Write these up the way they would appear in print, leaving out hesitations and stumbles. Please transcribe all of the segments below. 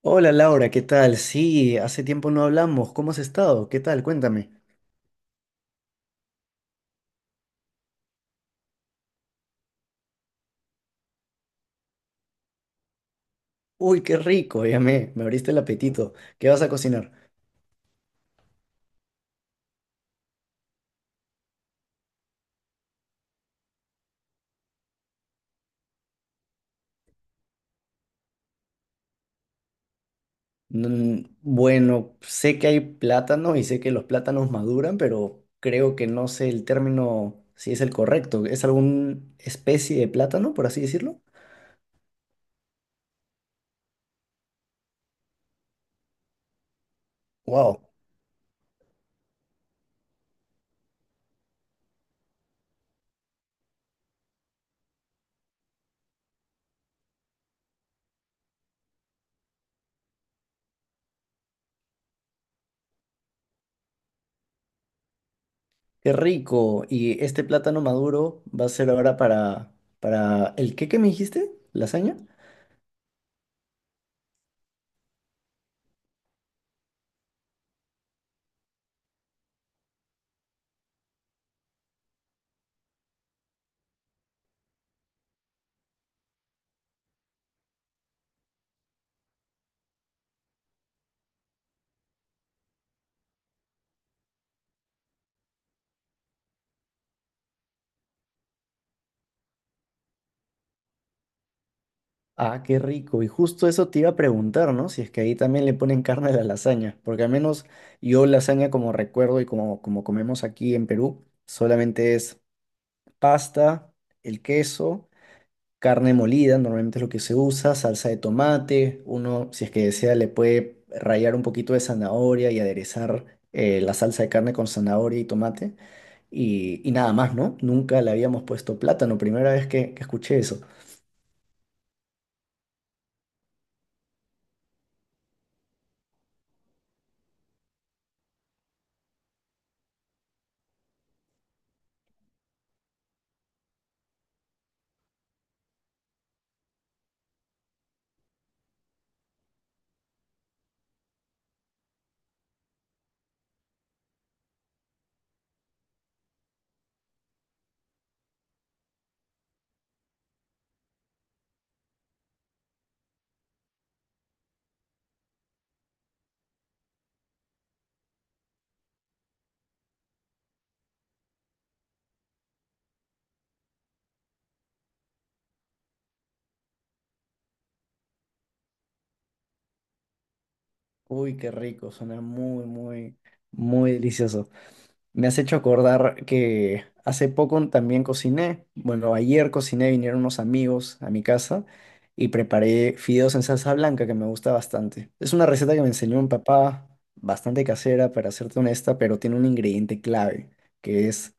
Hola Laura, ¿qué tal? Sí, hace tiempo no hablamos. ¿Cómo has estado? ¿Qué tal? Cuéntame. Uy, qué rico, ya me abriste el apetito. ¿Qué vas a cocinar? Mm, bueno, sé que hay plátano y sé que los plátanos maduran, pero creo que no sé el término si es el correcto. ¿Es alguna especie de plátano, por así decirlo? Wow, qué rico. ¿Y este plátano maduro va a ser ahora para el qué que me dijiste? ¿Lasaña? Ah, qué rico. Y justo eso te iba a preguntar, ¿no? Si es que ahí también le ponen carne a la lasaña, porque al menos yo lasaña como recuerdo y como comemos aquí en Perú, solamente es pasta, el queso, carne molida, normalmente es lo que se usa, salsa de tomate, uno si es que desea le puede rallar un poquito de zanahoria y aderezar la salsa de carne con zanahoria y tomate y nada más, ¿no? Nunca le habíamos puesto plátano, primera vez que escuché eso. Uy, qué rico, suena muy delicioso. Me has hecho acordar que hace poco también cociné. Bueno, ayer cociné, vinieron unos amigos a mi casa y preparé fideos en salsa blanca que me gusta bastante. Es una receta que me enseñó mi papá, bastante casera, para serte honesta, pero tiene un ingrediente clave, que es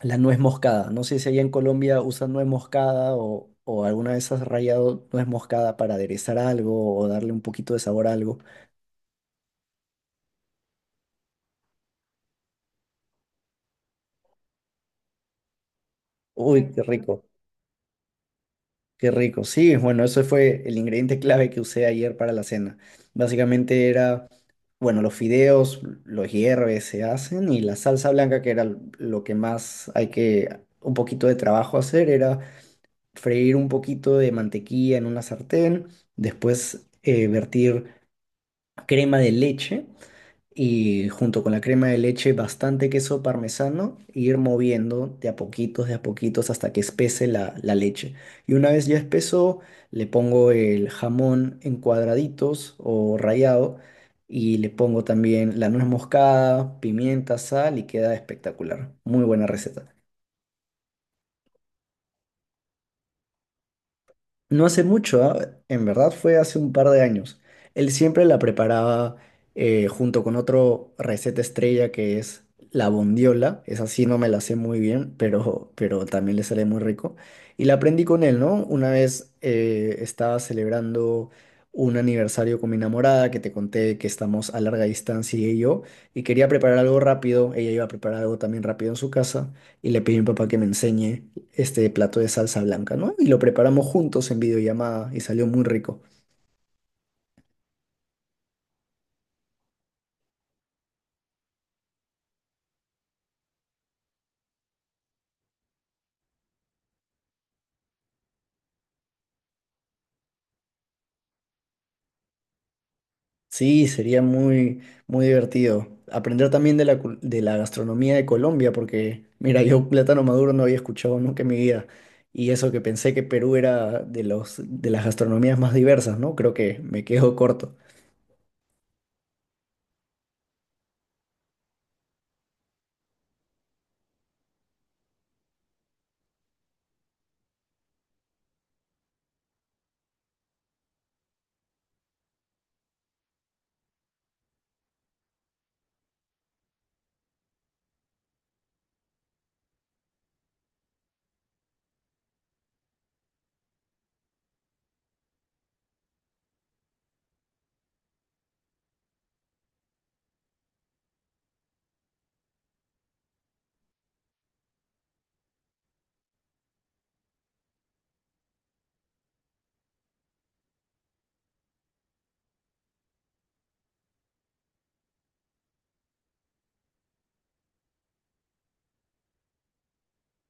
la nuez moscada. No sé si allá en Colombia usan nuez moscada o alguna vez has rallado nuez moscada para aderezar algo o darle un poquito de sabor a algo. Uy, qué Claro. rico. Qué rico. Sí, bueno, eso fue el ingrediente clave que usé ayer para la cena. Básicamente era, bueno, los fideos, los hierves, se hacen y la salsa blanca, que era lo que más hay que, un poquito de trabajo hacer, era freír un poquito de mantequilla en una sartén, después vertir crema de leche y junto con la crema de leche bastante queso parmesano e ir moviendo de a poquitos hasta que espese la leche. Y una vez ya espeso, le pongo el jamón en cuadraditos o rallado y le pongo también la nuez moscada, pimienta, sal y queda espectacular. Muy buena receta. No hace mucho, ¿ah? En verdad fue hace un par de años. Él siempre la preparaba junto con otro receta estrella que es la bondiola. Esa sí no me la sé muy bien, pero también le sale muy rico. Y la aprendí con él, ¿no? Una vez estaba celebrando un aniversario con mi enamorada, que te conté que estamos a larga distancia ella y yo, y quería preparar algo rápido. Ella iba a preparar algo también rápido en su casa y le pedí a mi papá que me enseñe este plato de salsa blanca, ¿no? Y lo preparamos juntos en videollamada y salió muy rico. Sí, sería muy divertido. Aprender también de de la gastronomía de Colombia, porque mira, yo plátano maduro no había escuchado nunca en mi vida. Y eso que pensé que Perú era de de las gastronomías más diversas, ¿no? Creo que me quedo corto.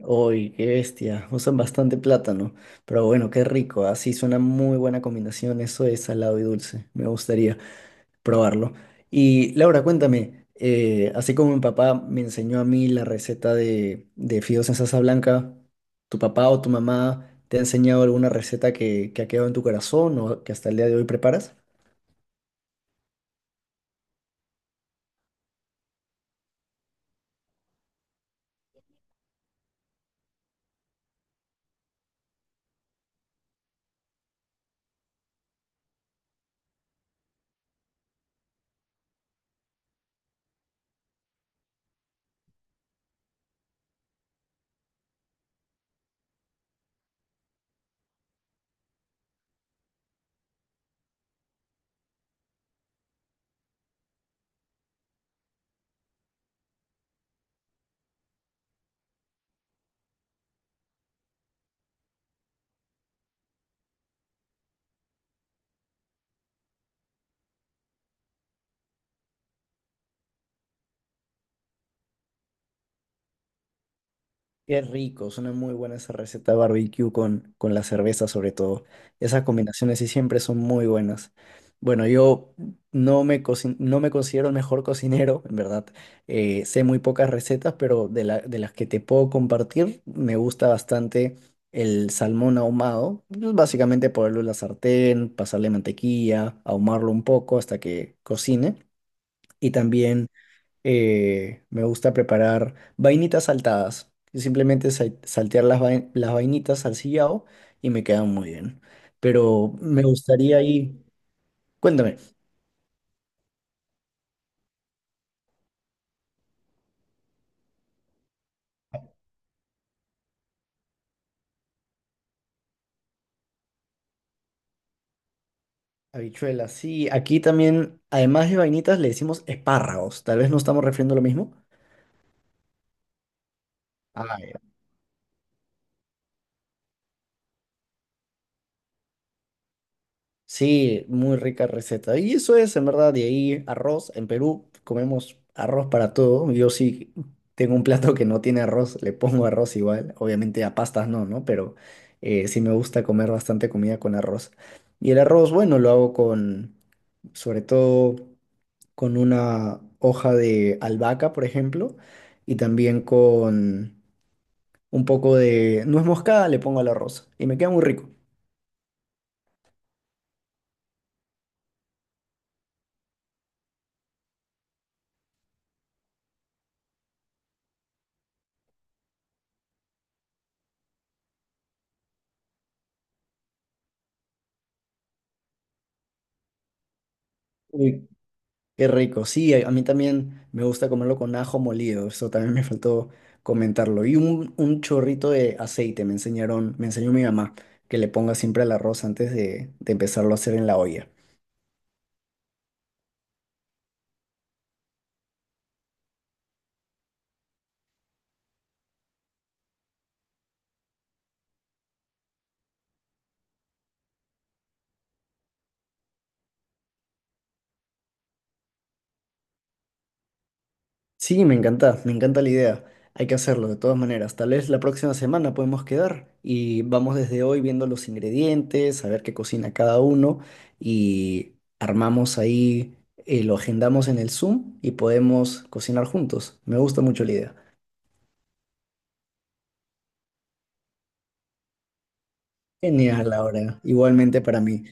Uy, qué bestia, usan bastante plátano. Pero bueno, qué rico, así suena muy buena combinación eso de salado y dulce. Me gustaría probarlo. Y Laura, cuéntame, así como mi papá me enseñó a mí la receta de fideos en salsa blanca, ¿tu papá o tu mamá te ha enseñado alguna receta que ha quedado en tu corazón o que hasta el día de hoy preparas? Qué rico, suena muy buena esa receta barbecue con la cerveza sobre todo. Esas combinaciones sí siempre son muy buenas. Bueno, yo no me considero el mejor cocinero, en verdad. Sé muy pocas recetas, pero de las que te puedo compartir, me gusta bastante el salmón ahumado. Pues básicamente ponerlo en la sartén, pasarle mantequilla, ahumarlo un poco hasta que cocine. Y también me gusta preparar vainitas saltadas. Y simplemente saltear las vainitas al sillao y me quedan muy bien. Pero me gustaría ahí, cuéntame, habichuelas, sí, aquí también, además de vainitas, le decimos espárragos. Tal vez no estamos refiriendo lo mismo. Ah, sí, muy rica receta. Y eso es, en verdad, de ahí arroz. En Perú comemos arroz para todo. Yo sí tengo un plato que no tiene arroz, le pongo arroz igual. Obviamente a pastas no, ¿no? Pero sí me gusta comer bastante comida con arroz. Y el arroz, bueno, lo hago con, sobre todo, con una hoja de albahaca, por ejemplo, y también con un poco de nuez moscada le pongo al arroz. Y me queda muy rico. Qué rico. Sí, a mí también me gusta comerlo con ajo molido. Eso también me faltó comentarlo. Y un chorrito de aceite me enseñó mi mamá que le ponga siempre al arroz antes de empezarlo a hacer en la olla. Sí, me encanta la idea. Hay que hacerlo de todas maneras. Tal vez la próxima semana podemos quedar y vamos desde hoy viendo los ingredientes, a ver qué cocina cada uno y armamos ahí, lo agendamos en el Zoom y podemos cocinar juntos. Me gusta mucho la idea. Genial, Laura. Igualmente para mí.